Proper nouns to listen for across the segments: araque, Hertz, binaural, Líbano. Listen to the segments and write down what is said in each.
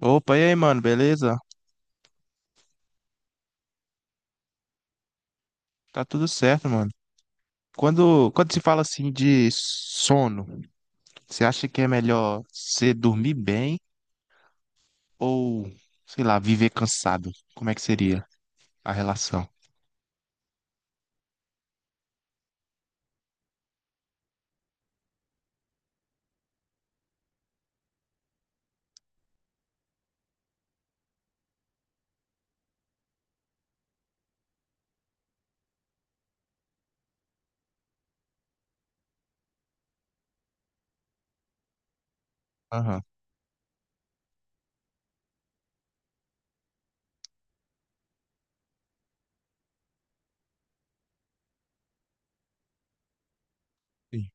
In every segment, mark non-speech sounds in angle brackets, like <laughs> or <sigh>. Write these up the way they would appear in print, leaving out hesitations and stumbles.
Opa, e aí, mano, beleza? Tá tudo certo, mano. Quando se fala assim de sono, você acha que é melhor você dormir bem ou, sei lá, viver cansado? Como é que seria a relação? Aham, sim,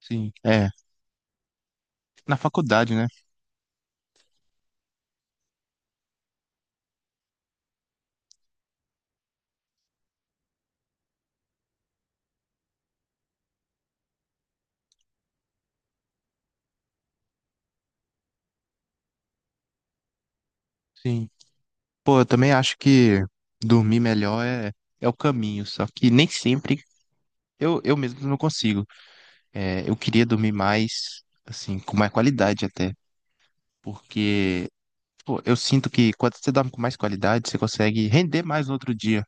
sim. É, na faculdade, né? Sim. Pô, eu também acho que dormir melhor é o caminho, só que nem sempre eu mesmo não consigo. É, eu queria dormir mais, assim, com mais qualidade até, porque pô, eu sinto que quando você dorme com mais qualidade, você consegue render mais no outro dia.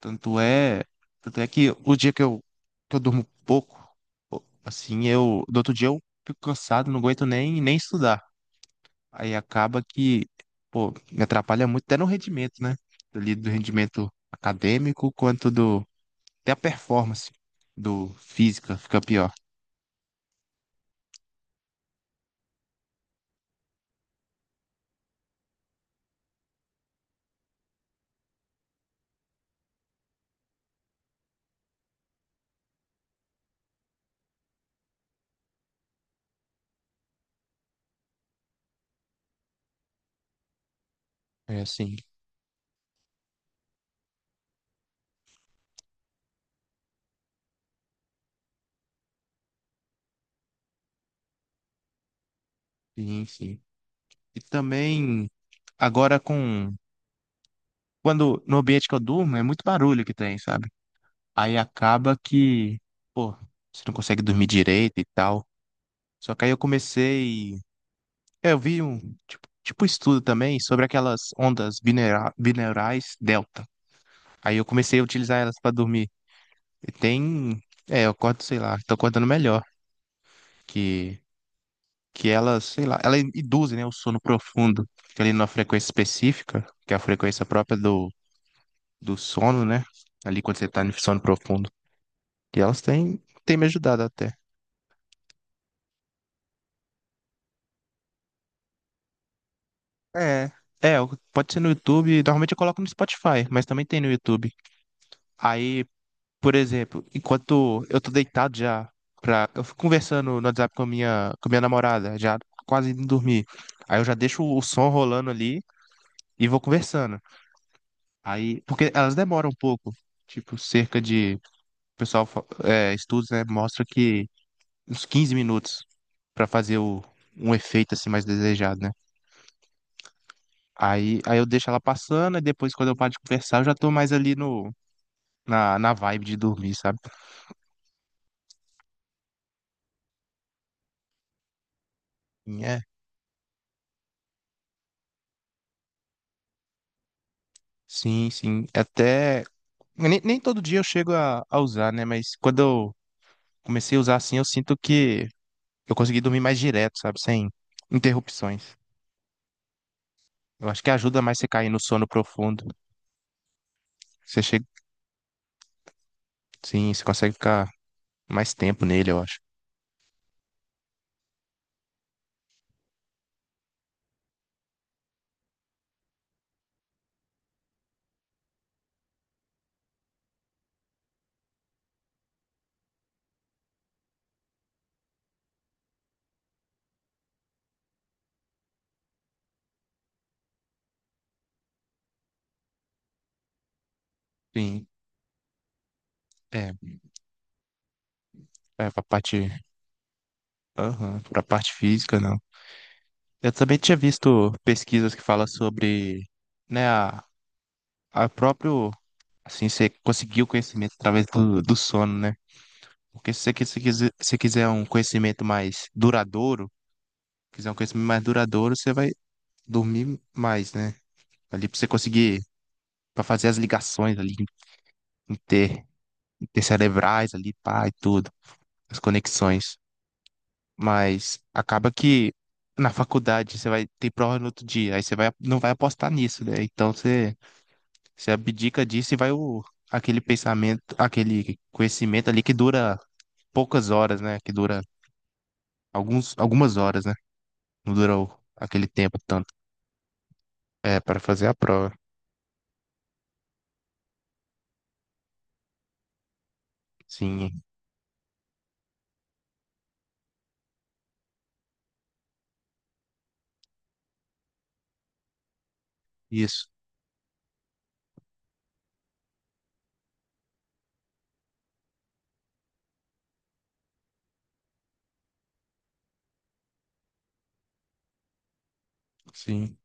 Tanto é, tanto é que o dia que eu durmo pouco, pô, assim, eu, do outro dia eu fico cansado, não aguento nem estudar. Aí acaba que, pô, me atrapalha muito até no rendimento, né? Ali do rendimento acadêmico, quanto do, até a performance do física fica pior. É assim, sim, sim. E também, agora com, no ambiente que eu durmo, é muito barulho que tem, sabe? Aí acaba que, pô, você não consegue dormir direito e tal. Só que aí eu comecei. Eu vi um tipo um estudo também sobre aquelas ondas binaurais delta. Aí eu comecei a utilizar elas pra dormir. E tem. É, eu acordo, sei lá, tô acordando melhor. Que, que elas, sei lá, elas induzem, né, o sono profundo. Que Ali numa frequência específica, que é a frequência própria do, do sono, né? Ali quando você tá no sono profundo. E elas têm me ajudado até. É. É, pode ser no YouTube, normalmente eu coloco no Spotify, mas também tem no YouTube. Aí, por exemplo, enquanto eu tô deitado já, eu fico conversando no WhatsApp com a minha namorada, já quase indo dormir. Aí eu já deixo o som rolando ali e vou conversando. Aí, porque elas demoram um pouco, tipo, cerca de, o pessoal, estudos, né, mostra que uns 15 minutos pra fazer um efeito assim mais desejado, né? Aí, eu deixo ela passando e depois quando eu paro de conversar, eu já tô mais ali no na, na vibe de dormir, sabe? Sim, é, sim, sim. Até. Nem todo dia eu chego a usar, né? Mas quando eu comecei a usar assim, eu sinto que eu consegui dormir mais direto, sabe? Sem interrupções. Eu acho que ajuda mais você cair no sono profundo. Você chega. Sim, você consegue ficar mais tempo nele, eu acho. Sim. É, é pra parte. Aham, pra parte física, não. Eu também tinha visto pesquisas que falam sobre, né, a próprio. Assim você conseguiu o conhecimento através do, do sono, né? Porque se quiser um conhecimento mais duradouro, você vai dormir mais, né? Ali pra você conseguir, pra fazer as ligações ali, inter, intercerebrais ali, pá, e tudo, as conexões. Mas acaba que na faculdade você vai ter prova no outro dia, não vai apostar nisso, né? Então você abdica disso e aquele pensamento, aquele conhecimento ali que dura poucas horas, né? Que dura algumas horas, né? Não durou aquele tempo tanto. É, para fazer a prova. Sim, isso. Sim.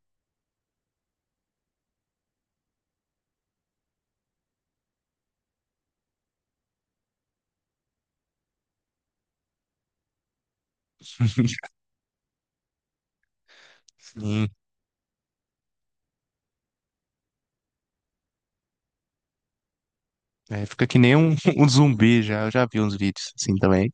<laughs> Sim. É, fica que nem um, <laughs> um zumbi já. Eu já vi uns vídeos assim também.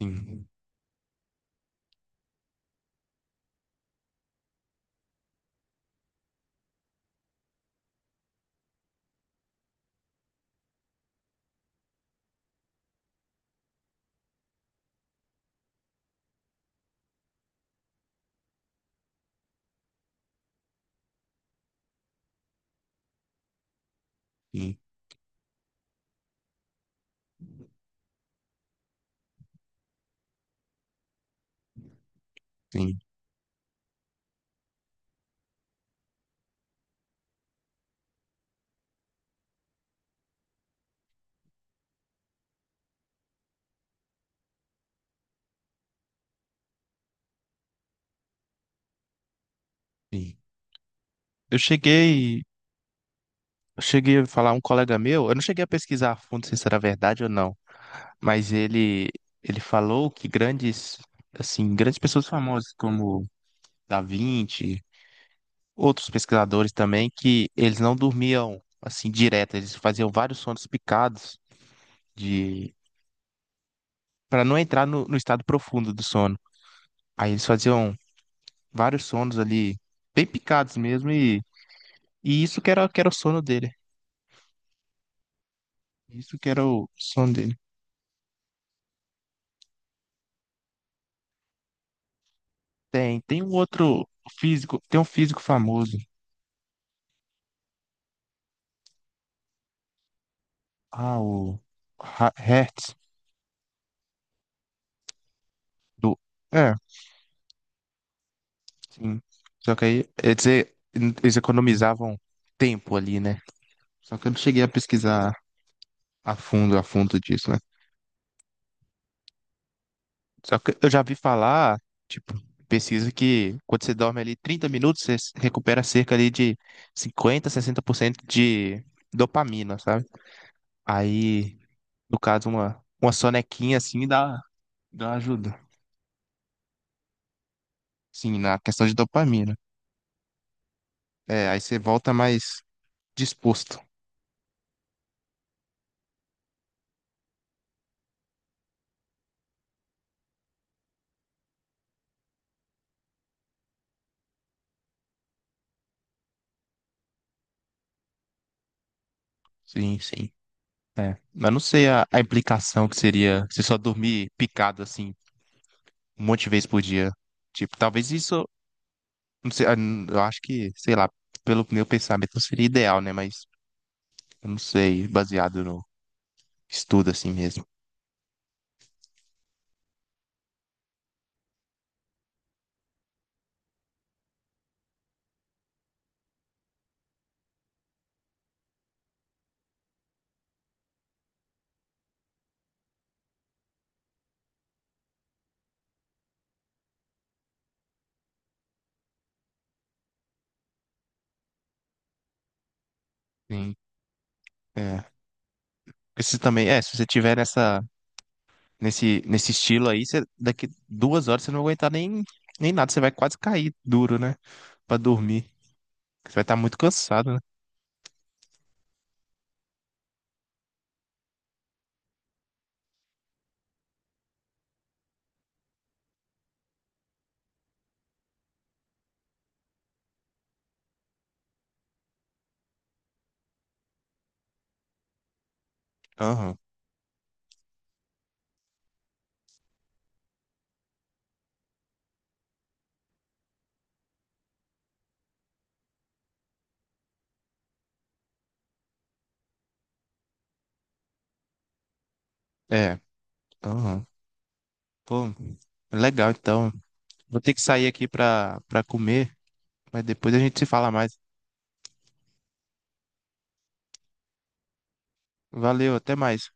Sim, sim, sim, sim. Eu cheguei. Eu cheguei a falar um colega meu, eu não cheguei a pesquisar a fundo se isso era verdade ou não, mas ele falou que grandes pessoas famosas como Da Vinci, outros pesquisadores também que eles não dormiam assim direto, eles faziam vários sonos picados de para não entrar no estado profundo do sono. Aí eles faziam vários sonos ali bem picados mesmo e isso que era o sono dele. Isso que era o sono dele. Tem um outro físico, tem um físico famoso, ah, o Hertz do é, sim. Só que aí, quer dizer, eles economizavam tempo ali, né? Só que eu não cheguei a pesquisar a fundo disso, né? Só que eu já vi falar, tipo, pesquisa que quando você dorme ali 30 minutos, você se recupera cerca ali de 50 60% de dopamina, sabe? Aí, no caso, uma sonequinha assim dá ajuda. Sim, na questão de dopamina. É, aí você volta mais disposto. Sim, sim. É. Mas não sei a implicação que seria você só dormir picado assim um monte de vez por dia. Tipo, talvez isso. Não sei, ah, n- Eu acho que, sei lá, pelo meu pensamento não seria ideal, né? Mas eu não sei, baseado no estudo assim mesmo. Sim. É. Esse também, é, se você tiver nesse estilo aí, você, daqui 2 horas você não vai aguentar nem nada, você vai quase cair duro, né? Pra dormir. Você vai estar muito cansado, né? Aham. É. Aham. Pô, legal, então. Vou ter que sair aqui pra comer, mas depois a gente se fala mais. Valeu, até mais.